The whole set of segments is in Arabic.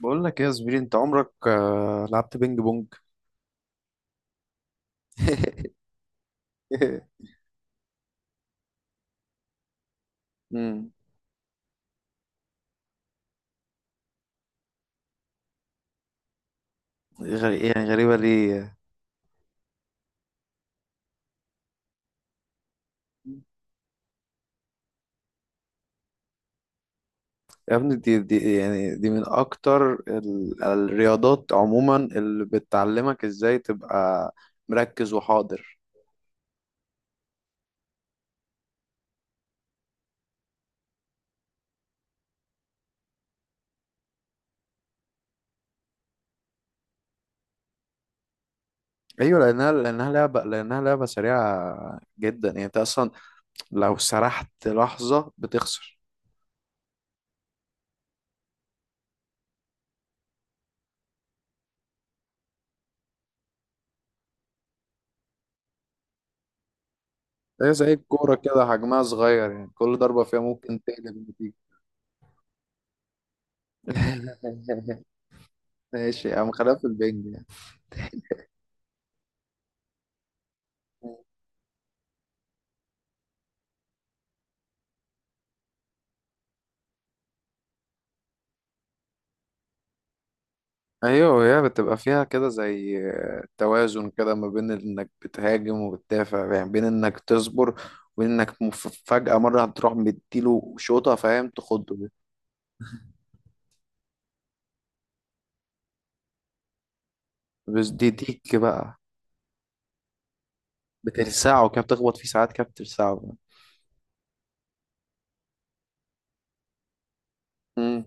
بقول لك ايه يا زميلي، انت عمرك لعبت بينج بونج؟ امم. غريبة ليه؟ يا ابني دي من اكتر الرياضات عموما اللي بتعلمك ازاي تبقى مركز وحاضر. ايوه، لانها لعبة سريعة جدا، يعني انت اصلا لو سرحت لحظة بتخسر. هي زي الكورة كده، حجمها صغير، يعني كل ضربة فيها ممكن تقلب النتيجة. ماشي يا عم، خلاف البنج يعني. ايوه، وهي بتبقى فيها كده زي توازن كده ما بين انك بتهاجم وبتدافع، يعني بين انك تصبر وبين انك فجأة مرة هتروح مديله شوطة، فاهم؟ تخضه دي. بس دي ديك بقى. بتلسعه كده، بتخبط فيه ساعات كده بتلسعه. امم.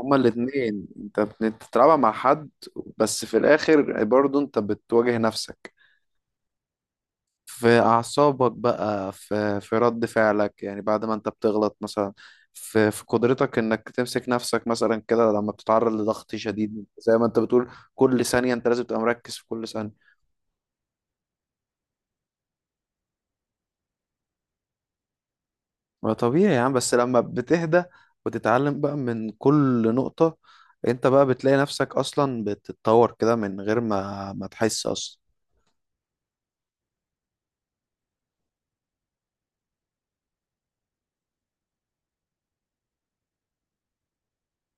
هما الاتنين، انت بتلعبها مع حد بس في الاخر برضه انت بتواجه نفسك. في أعصابك بقى، في رد فعلك، يعني بعد ما أنت بتغلط مثلا، في قدرتك إنك تمسك نفسك مثلا كده لما بتتعرض لضغط شديد، زي ما أنت بتقول كل ثانية أنت لازم تبقى مركز في كل ثانية. ما طبيعي يا عم، بس لما بتهدى وتتعلم بقى من كل نقطة، أنت بقى بتلاقي نفسك أصلا بتتطور كده من غير ما تحس أصلا.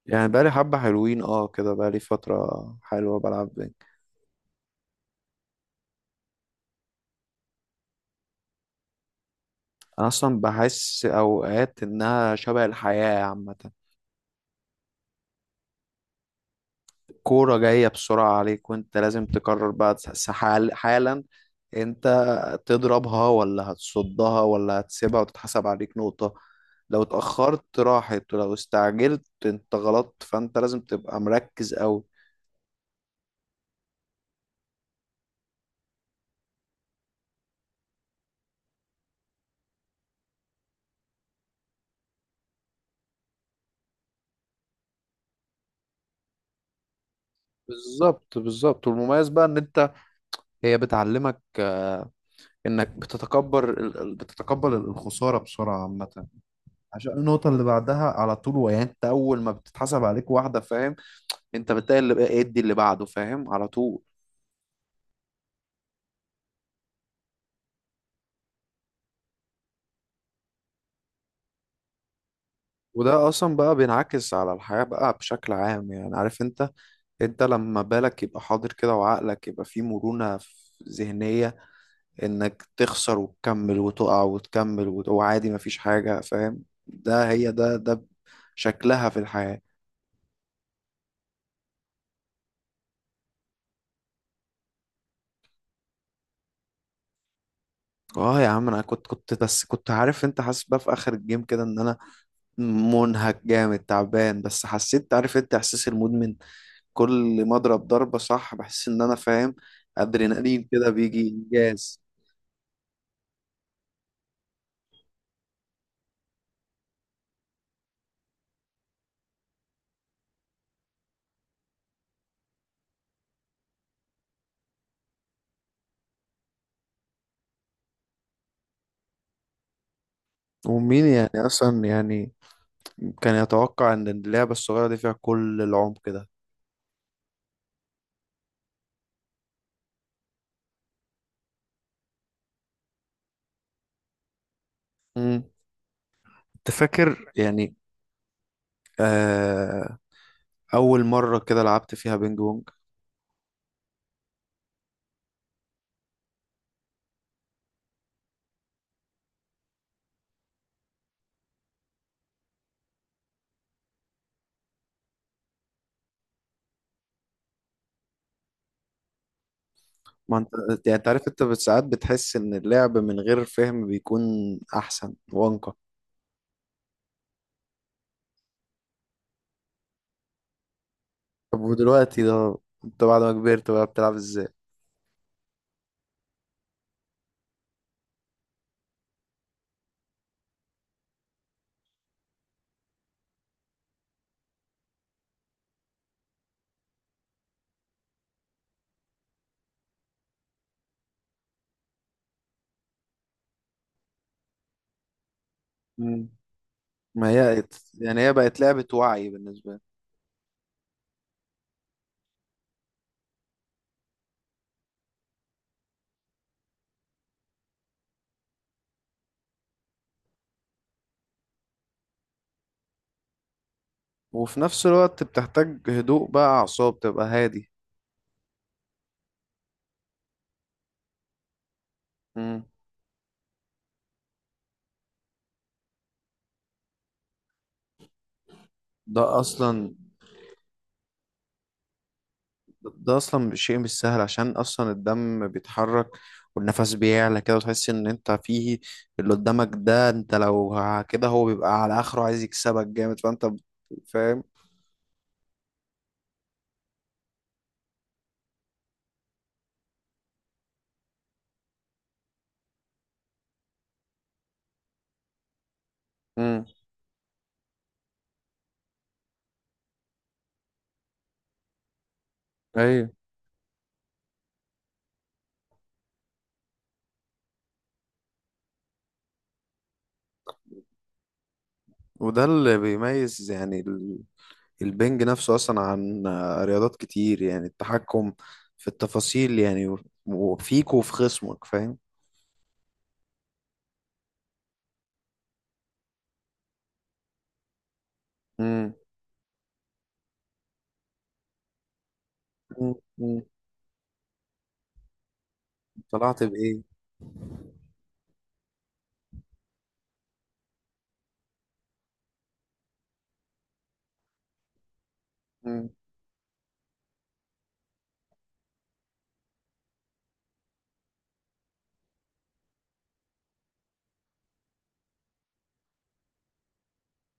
يعني بقالي حبة حلوين، اه كده بقالي فترة حلوة بلعب بينج. أنا أصلا بحس أوقات إنها شبه الحياة عامة. كورة جاية بسرعة عليك، وانت لازم تقرر بقى، حالا انت تضربها ولا هتصدها ولا هتسيبها وتتحسب عليك نقطة. لو اتأخرت راحت، ولو استعجلت انت غلطت، فانت لازم تبقى مركز قوي. بالظبط بالظبط. والمميز بقى ان انت، هي بتعلمك، انك بتتكبر بتتقبل الخسارة بسرعة عامة، عشان النقطة اللي بعدها على طول. يعني انت اول ما بتتحسب عليك واحدة، فاهم؟ انت بتلاقي اللي بقى ادي اللي بعده، فاهم؟ على طول. وده اصلا بقى بينعكس على الحياة بقى بشكل عام، يعني عارف انت، انت لما بالك يبقى حاضر كده وعقلك يبقى فيه مرونة في ذهنية، انك تخسر وتكمل وتقع وتكمل وعادي مفيش حاجة، فاهم؟ ده هي ده شكلها في الحياة. اه يا عم، انا كنت كنت بس كنت عارف انت، حاسس بقى في اخر الجيم كده ان انا منهك جامد تعبان، بس حسيت عارف انت احساس المدمن. كل ما اضرب ضربة صح بحس ان انا فاهم، ادرينالين كده بيجي، انجاز. ومين يعني اصلا يعني كان يتوقع ان اللعبه الصغيره دي فيها كل العمق ده؟ امم. انت فاكر يعني، آه اول مره كده لعبت فيها بينج بونج؟ ما انت، يعني انت عارف انت ساعات بتحس ان اللعب من غير فهم بيكون احسن وانقى. طب ودلوقتي ده، انت بعد ما كبرت بقى بتلعب ازاي؟ مم. ما هي، يعني هي بقت لعبه وعي بالنسبه لي. وفي نفس الوقت بتحتاج هدوء بقى، اعصاب تبقى هادي. مم. ده اصلا، ده اصلا شيء مش سهل، عشان اصلا الدم بيتحرك والنفس بيعلى كده، وتحس ان انت فيه اللي قدامك ده، انت لو كده هو بيبقى على اخره عايز يكسبك جامد، فانت فاهم. امم. ايوه، وده اللي بيميز يعني البنج نفسه اصلا عن رياضات كتير، يعني التحكم في التفاصيل يعني، وفيك وفي خصمك، فاهم. امم. أمم، أمم. طلعت بايه؟ امم.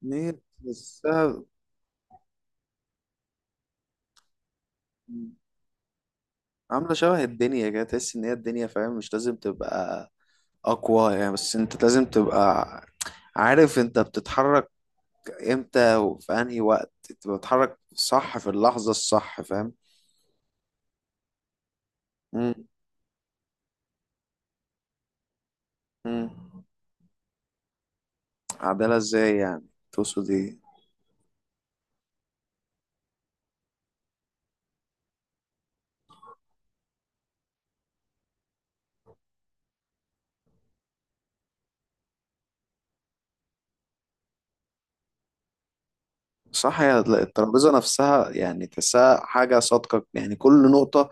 نيل بس. عاملة شبه الدنيا كده، تحس إن هي الدنيا، فاهم؟ مش لازم تبقى أقوى يعني، بس أنت لازم تبقى عارف أنت بتتحرك إمتى، وفي أنهي وقت أنت بتتحرك صح في اللحظة الصح، فاهم؟ مم. مم. عدالة إزاي يعني؟ تقصد إيه؟ صح. هي الترابيزة نفسها يعني تحسها حاجة صادقة. يعني كل نقطة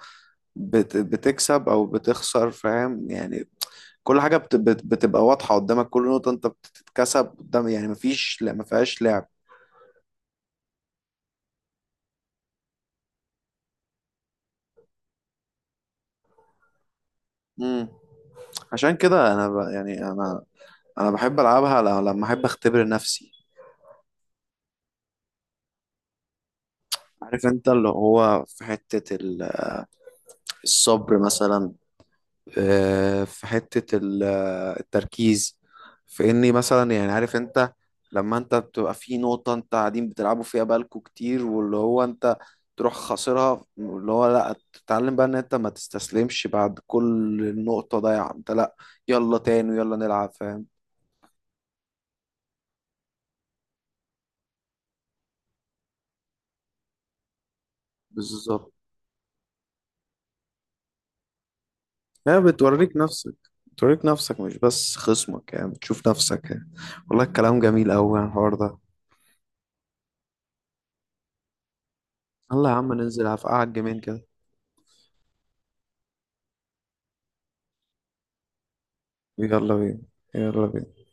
بتكسب او بتخسر، فاهم يعني؟ كل حاجه بتبقى واضحه قدامك. كل نقطه انت بتتكسب قدام، يعني مفيش لا، ما فيهاش لعب. امم. عشان كده انا ب... يعني انا انا بحب العبها لما احب اختبر نفسي. عارف انت، اللي هو في حتة الصبر مثلا، في حتة التركيز، في اني مثلا يعني عارف انت، لما انت بتبقى في نقطة انت قاعدين بتلعبوا فيها بالكوا كتير، واللي هو انت تروح خاسرها، اللي هو لا تتعلم بقى ان انت ما تستسلمش. بعد كل نقطة ضايعة انت، لا، يلا تاني ويلا نلعب، فاهم؟ بالظبط. لا، بتوريك نفسك. بتوريك نفسك مش بس خصمك، يعني بتشوف نفسك يعني. والله الكلام جميل أوي عن الحوار ده. يلا يا عم ننزل على قعد جيمين كده. يلا بينا. يلا بينا.